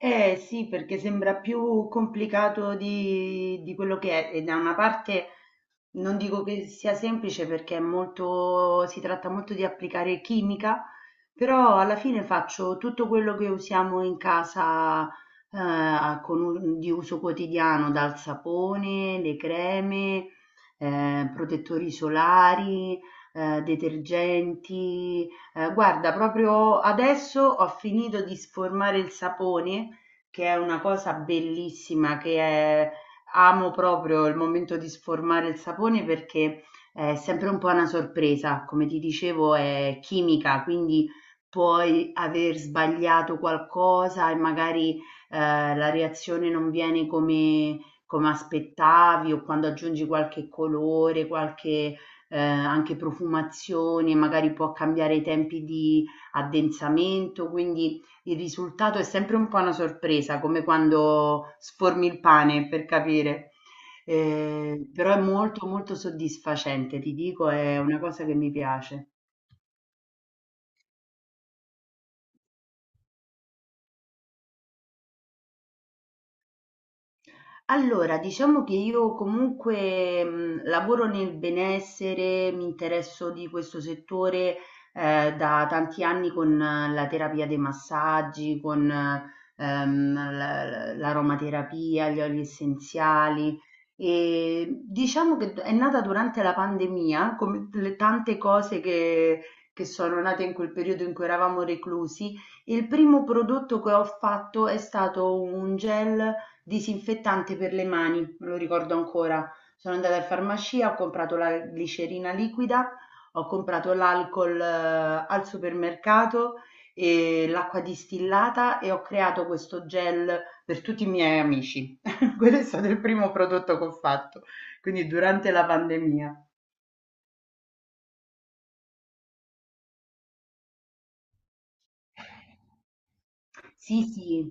Eh sì, perché sembra più complicato di quello che è e da una parte non dico che sia semplice perché è molto, si tratta molto di applicare chimica, però alla fine faccio tutto quello che usiamo in casa con di uso quotidiano, dal sapone, le creme, protettori solari, detergenti. Guarda, proprio adesso ho finito di sformare il sapone che è una cosa bellissima, che è Amo proprio il momento di sformare il sapone perché è sempre un po' una sorpresa, come ti dicevo è chimica, quindi puoi aver sbagliato qualcosa e magari la reazione non viene come aspettavi, o quando aggiungi qualche colore, qualche anche profumazione, magari può cambiare i tempi di addensamento, quindi il risultato è sempre un po' una sorpresa, come quando sformi il pane per capire. Però è molto soddisfacente, ti dico, è una cosa che mi piace. Allora, diciamo che io comunque lavoro nel benessere, mi interesso di questo settore da tanti anni con la terapia dei massaggi, con l'aromaterapia, gli oli essenziali. E diciamo che è nata durante la pandemia, come le tante cose che sono nate in quel periodo in cui eravamo reclusi. Il primo prodotto che ho fatto è stato un gel disinfettante per le mani, me lo ricordo ancora. Sono andata in farmacia, ho comprato la glicerina liquida, ho comprato l'alcol al supermercato e l'acqua distillata, e ho creato questo gel per tutti i miei amici. Quello è stato il primo prodotto che ho fatto, quindi durante la pandemia. Sì, sì,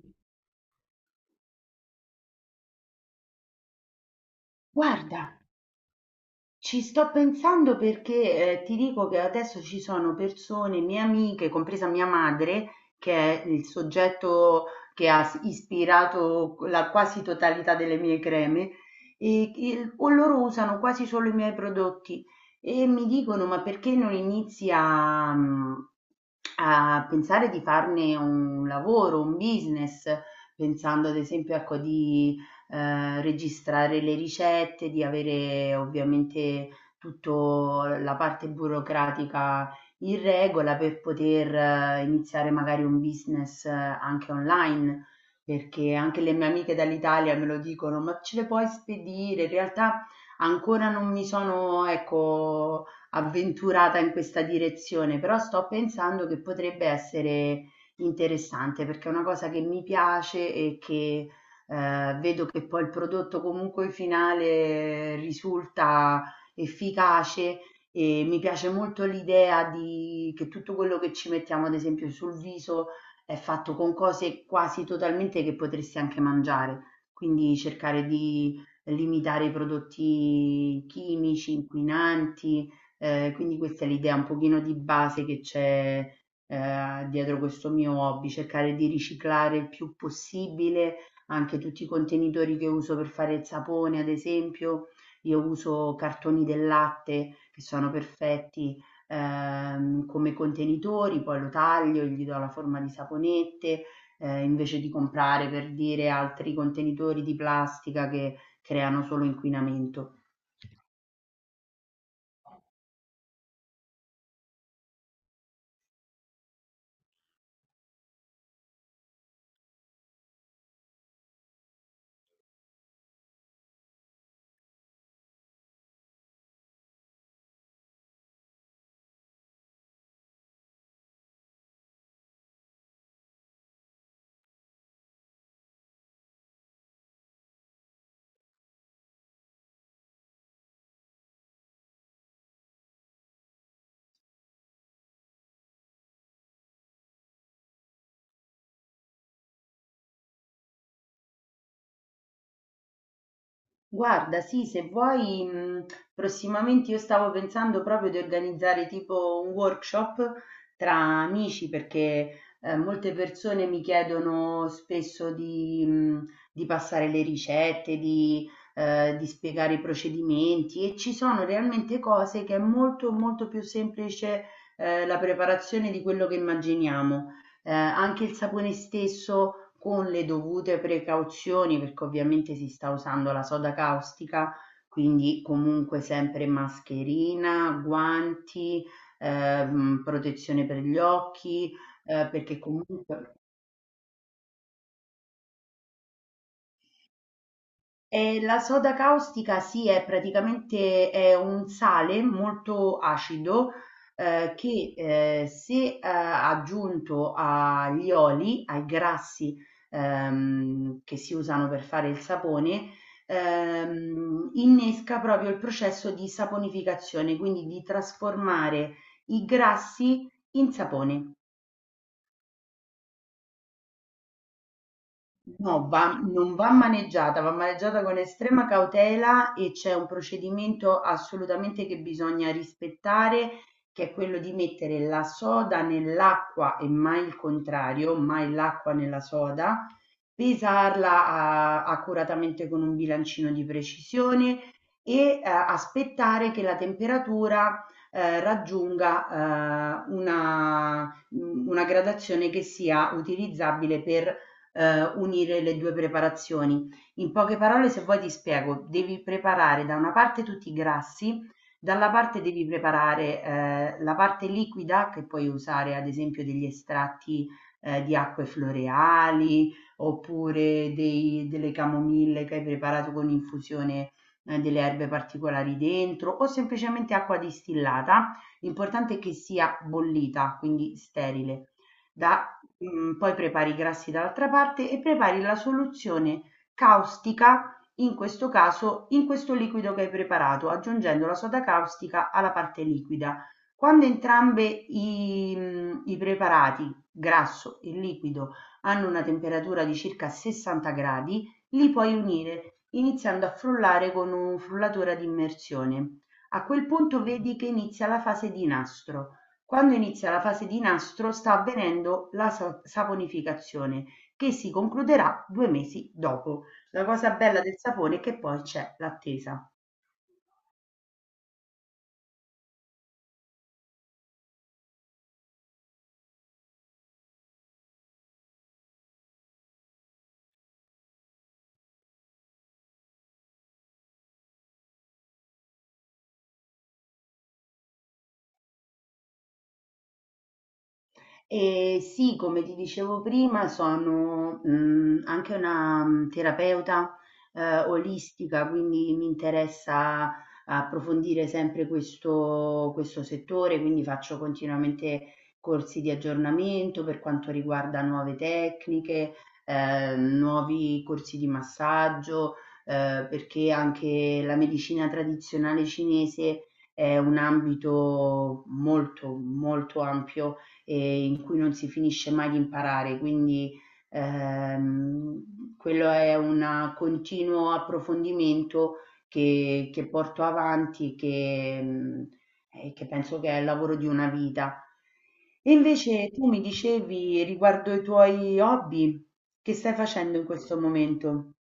guarda. Ci sto pensando perché ti dico che adesso ci sono persone, mie amiche, compresa mia madre, che è il soggetto che ha ispirato la quasi totalità delle mie creme, e, o loro usano quasi solo i miei prodotti e mi dicono: Ma perché non inizi a, a pensare di farne un lavoro, un business? Pensando ad esempio, ecco, di registrare le ricette, di avere ovviamente tutta la parte burocratica in regola per poter iniziare magari un business anche online, perché anche le mie amiche dall'Italia me lo dicono, ma ce le puoi spedire? In realtà ancora non mi sono, ecco, avventurata in questa direzione, però sto pensando che potrebbe essere interessante perché è una cosa che mi piace e che vedo che poi il prodotto comunque finale risulta efficace, e mi piace molto l'idea di, che tutto quello che ci mettiamo, ad esempio, sul viso è fatto con cose quasi totalmente che potresti anche mangiare, quindi cercare di limitare i prodotti chimici, inquinanti, quindi questa è l'idea un pochino di base che c'è dietro questo mio hobby, cercare di riciclare il più possibile anche tutti i contenitori che uso per fare il sapone, ad esempio, io uso cartoni del latte che sono perfetti, come contenitori, poi lo taglio, gli do la forma di saponette, invece di comprare, per dire, altri contenitori di plastica che creano solo inquinamento. Guarda, sì, se vuoi, prossimamente io stavo pensando proprio di organizzare tipo un workshop tra amici, perché molte persone mi chiedono spesso di passare le ricette, di spiegare i procedimenti, e ci sono realmente cose che è molto molto più semplice la preparazione di quello che immaginiamo. Anche il sapone stesso, con le dovute precauzioni, perché ovviamente si sta usando la soda caustica, quindi comunque sempre mascherina, guanti, protezione per gli occhi, perché comunque. E la soda caustica, sì, è praticamente è un sale molto acido, che se aggiunto agli oli, ai grassi, che si usano per fare il sapone, innesca proprio il processo di saponificazione, quindi di trasformare i grassi in sapone. No, non va maneggiata, va maneggiata con estrema cautela, e c'è un procedimento assolutamente che bisogna rispettare, che è quello di mettere la soda nell'acqua e mai il contrario, mai l'acqua nella soda, pesarla accuratamente con un bilancino di precisione, e aspettare che la temperatura raggiunga una gradazione che sia utilizzabile per unire le due preparazioni. In poche parole, se vuoi ti spiego, devi preparare da una parte tutti i grassi, dalla parte devi preparare la parte liquida, che puoi usare ad esempio degli estratti di acque floreali, oppure delle camomille che hai preparato con infusione delle erbe particolari dentro, o semplicemente acqua distillata. L'importante è che sia bollita, quindi sterile. Da Poi prepari i grassi dall'altra parte e prepari la soluzione caustica, in questo caso in questo liquido che hai preparato, aggiungendo la soda caustica alla parte liquida. Quando entrambe i preparati, grasso e liquido, hanno una temperatura di circa 60 gradi, li puoi unire iniziando a frullare con un frullatore ad immersione. A quel punto vedi che inizia la fase di nastro. Quando inizia la fase di nastro sta avvenendo la saponificazione, che si concluderà 2 mesi dopo. La cosa bella del sapone è che poi c'è l'attesa. Eh sì, come ti dicevo prima, sono anche una terapeuta olistica, quindi mi interessa approfondire sempre questo settore, quindi faccio continuamente corsi di aggiornamento per quanto riguarda nuove tecniche, nuovi corsi di massaggio, perché anche la medicina tradizionale cinese è un ambito molto ampio e in cui non si finisce mai di imparare, quindi quello è un continuo approfondimento che porto avanti, che penso che è il lavoro di una vita. E invece tu mi dicevi riguardo ai tuoi hobby, che stai facendo in questo momento?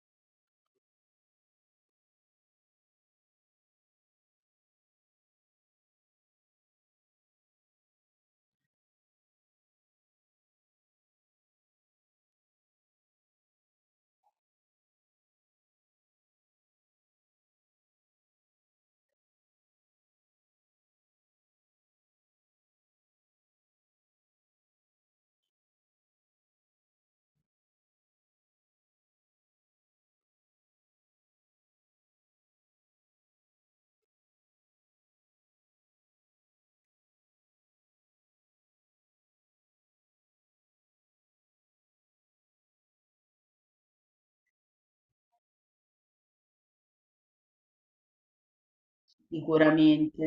Sicuramente.